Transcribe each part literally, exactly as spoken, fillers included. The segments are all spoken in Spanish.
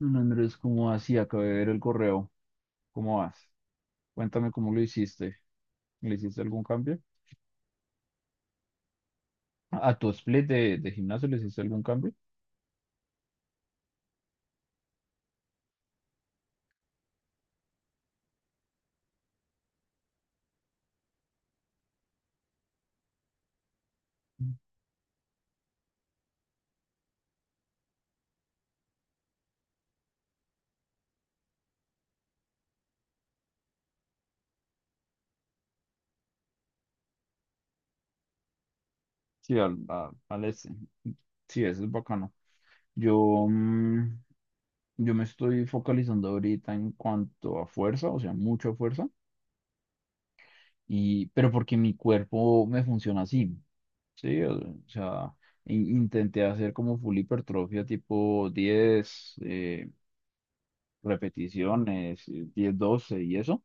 Hola, Andrés, ¿cómo vas? Sí, acabé de ver el correo. ¿Cómo vas? Cuéntame cómo lo hiciste. ¿Le hiciste algún cambio? ¿A tu split de, de gimnasio le hiciste algún cambio? Sí, al, a- al este. Sí, eso es bacano. Yo, mm, yo me estoy focalizando ahorita en cuanto a fuerza, o sea, mucha fuerza, y, pero porque mi cuerpo me funciona así, ¿sí? O sea, in- intenté hacer como full hipertrofia tipo diez eh, repeticiones, eh, diez, doce y eso.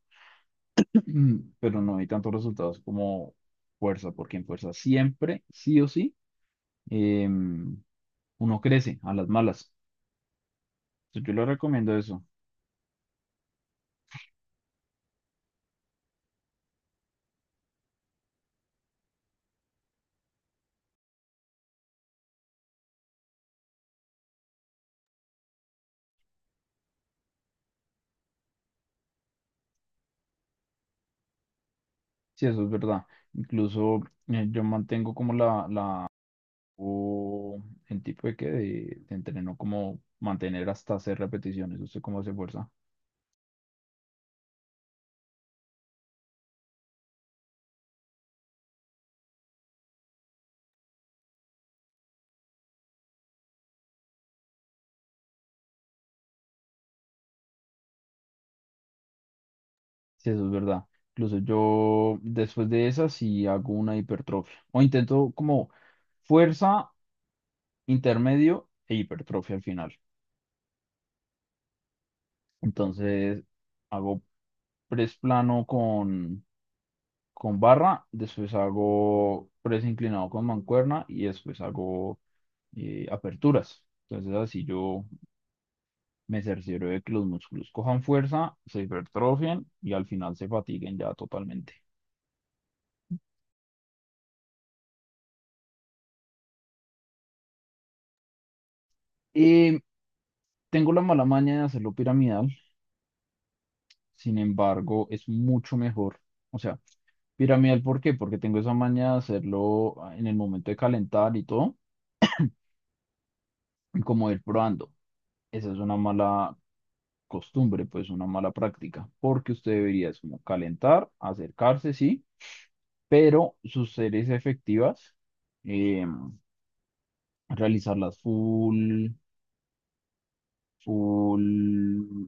Mm, pero no hay tantos resultados como fuerza, porque en fuerza siempre, sí o sí, em, uno crece a las malas. Entonces, yo le recomiendo eso. Sí, eso es verdad. Incluso eh, yo mantengo como la, la o el tipo de que de, de entreno como mantener hasta hacer repeticiones. ¿Usted cómo hace fuerza? Sí, eso es verdad. Incluso yo después de esa sí hago una hipertrofia. O intento como fuerza, intermedio e hipertrofia al final. Entonces hago press plano con, con barra, después hago press inclinado con mancuerna y después hago eh, aperturas. Entonces así yo me cercioro de que los músculos cojan fuerza, se hipertrofien y al final se fatiguen ya totalmente. Eh, Tengo la mala maña de hacerlo piramidal, sin embargo es mucho mejor. O sea, piramidal, ¿por qué? Porque tengo esa maña de hacerlo en el momento de calentar y todo, y como ir probando. Esa es una mala costumbre, pues una mala práctica, porque usted debería es como calentar, acercarse, sí, pero sus series efectivas, eh, realizarlas full, full,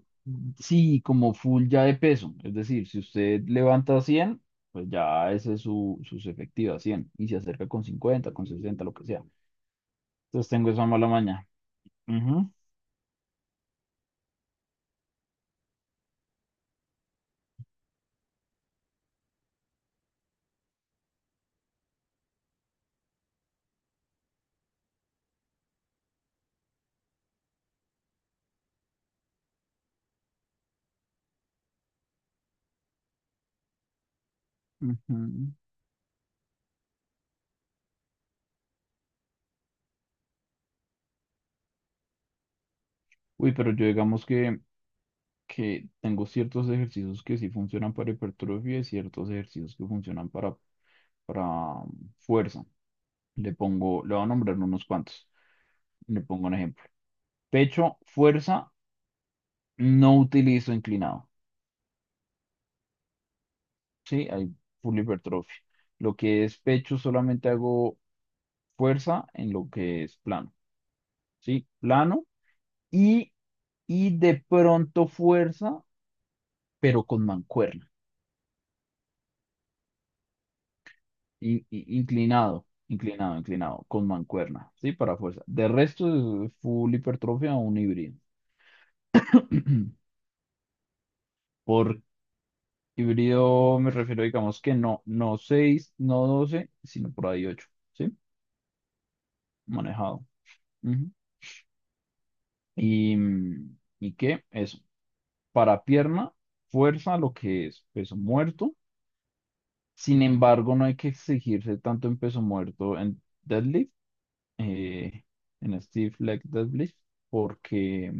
sí, como full ya de peso. Es decir, si usted levanta cien, pues ya ese es su, sus efectivas cien y se acerca con cincuenta, con sesenta, lo que sea. Entonces tengo esa mala maña. Ujú, ujú. Uy, pero yo digamos que que tengo ciertos ejercicios que sí funcionan para hipertrofia y ciertos ejercicios que funcionan para, para um, fuerza. Le pongo, le voy a nombrar unos cuantos. Le pongo un ejemplo. Pecho, fuerza, no utilizo inclinado. Sí, hay full hipertrofia. Lo que es pecho solamente hago fuerza en lo que es plano. Sí, plano y, y de pronto fuerza, pero con mancuerna. in- i- inclinado, inclinado, inclinado, con mancuerna, ¿sí? Para fuerza. De resto, es full hipertrofia o un híbrido. Por híbrido me refiero, digamos que no, no seis, no doce, sino por ahí ocho, ¿sí? Manejado. Ujú. Y, mm, ¿y qué? Eso. Para pierna, fuerza, lo que es peso muerto. Sin embargo, no hay que exigirse tanto en peso muerto, en deadlift, eh, en stiff leg deadlift, porque...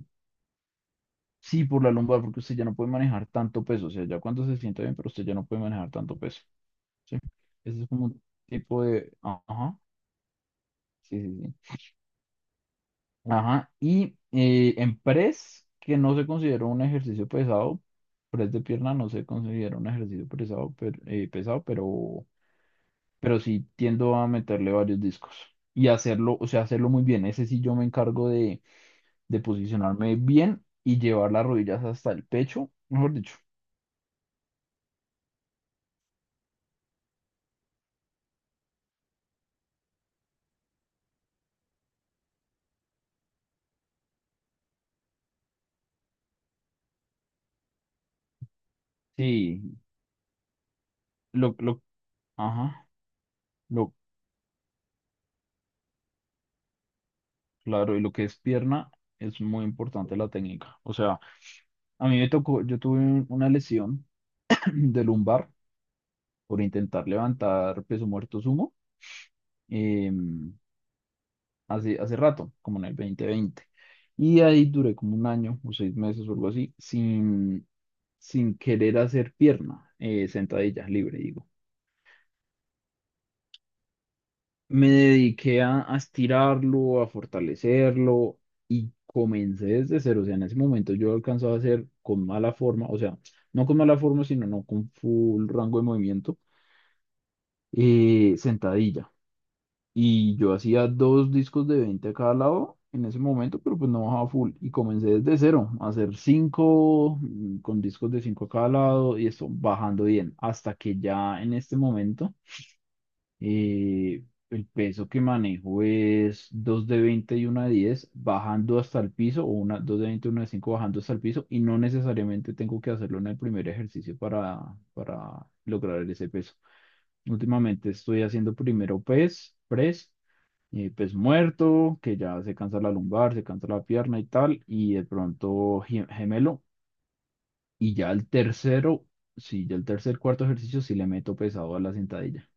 Sí, por la lumbar, porque usted ya no puede manejar tanto peso. O sea, ya cuando se sienta bien, pero usted ya no puede manejar tanto peso. ¿Sí? Ese es como un tipo de. Ajá. Sí, sí, sí. Ajá. Y eh, en press, que no se considera un ejercicio pesado, press de pierna no se considera un ejercicio pesado, pero, eh, pesado, pero, pero sí tiendo a meterle varios discos. Y hacerlo, o sea, hacerlo muy bien. Ese sí yo me encargo de, de posicionarme bien y llevar las rodillas hasta el pecho, mejor dicho. Sí, lo, lo... Ajá, lo, claro, y lo que es pierna es muy importante la técnica. O sea, a mí me tocó, yo tuve un- una lesión de lumbar por intentar levantar peso muerto sumo, em, hace, hace rato, como en el dos mil veinte. Y ahí duré como un año o seis meses o algo así, sin, sin querer hacer pierna, eh, sentadilla libre, digo. Me dediqué a, a estirarlo, a fortalecerlo y comencé desde cero. O sea, en ese momento yo alcanzaba a hacer con mala forma, o sea, no con mala forma, sino no con full rango de movimiento, eh, sentadilla. Y yo hacía dos discos de veinte a cada lado en ese momento, pero pues no bajaba full. Y comencé desde cero a hacer cinco, mm, con discos de cinco a cada lado y eso bajando bien, hasta que ya en este momento. Eh, el peso que manejo es dos de veinte y una de diez bajando hasta el piso, o una, dos de veinte y una de cinco bajando hasta el piso, y no necesariamente tengo que hacerlo en el primer ejercicio para, para lograr ese peso. Últimamente estoy haciendo primero pes, press, eh, pes muerto, que ya se cansa la lumbar, se cansa la pierna y tal, y de pronto gem- gemelo. Y ya el tercero, sí, ya el tercer, cuarto ejercicio sí le meto pesado a la sentadilla.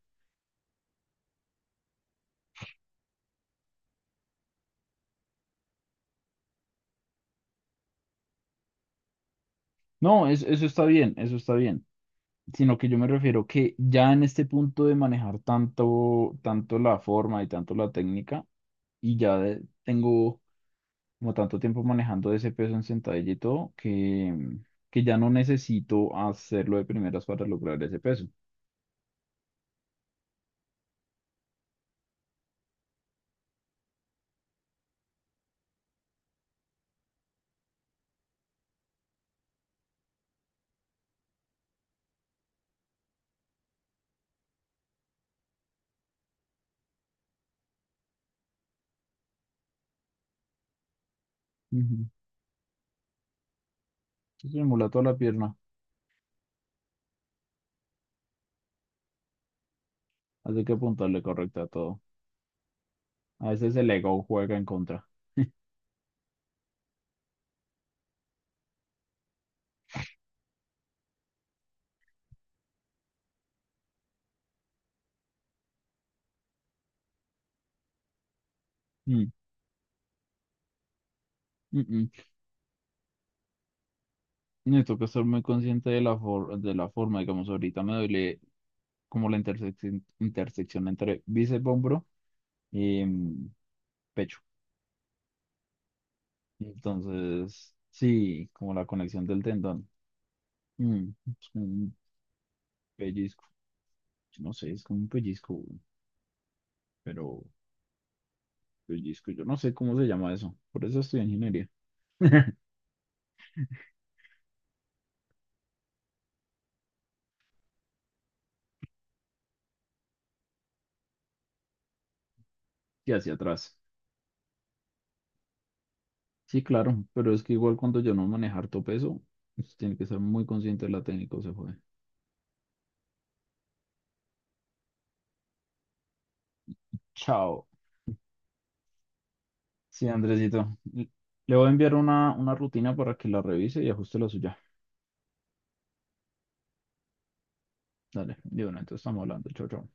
No, es- eso está bien, eso está bien. Sino que yo me refiero que ya en este punto de manejar tanto, tanto la forma y tanto la técnica, y ya de- tengo como tanto tiempo manejando ese peso en sentadilla y todo, que, que ya no necesito hacerlo de primeras para lograr ese peso. Ujú. Se simula toda la pierna, así que apuntarle correcta a todo. A veces el ego juega en contra. Mm, mm, mm. Necesito que estar muy consciente de la, for- de la forma, digamos, ahorita me duele como la intersección, intersección entre bíceps, hombro y mm, pecho. Entonces, sí, como la conexión del tendón. Mm, es como un pellizco. Yo no sé, es como un pellizco, güey, pero pellizco, yo no sé cómo se llama eso. Por eso estoy en ingeniería. Y hacia atrás. Sí, claro, pero es que igual cuando yo no manejo harto peso, pues, tiene que ser muy consciente de la técnica, se fue. Chao. Sí, Andresito. Le voy a enviar una, una rutina para que la revise y ajuste la suya. Dale, de una, entonces estamos hablando. Chau, chau.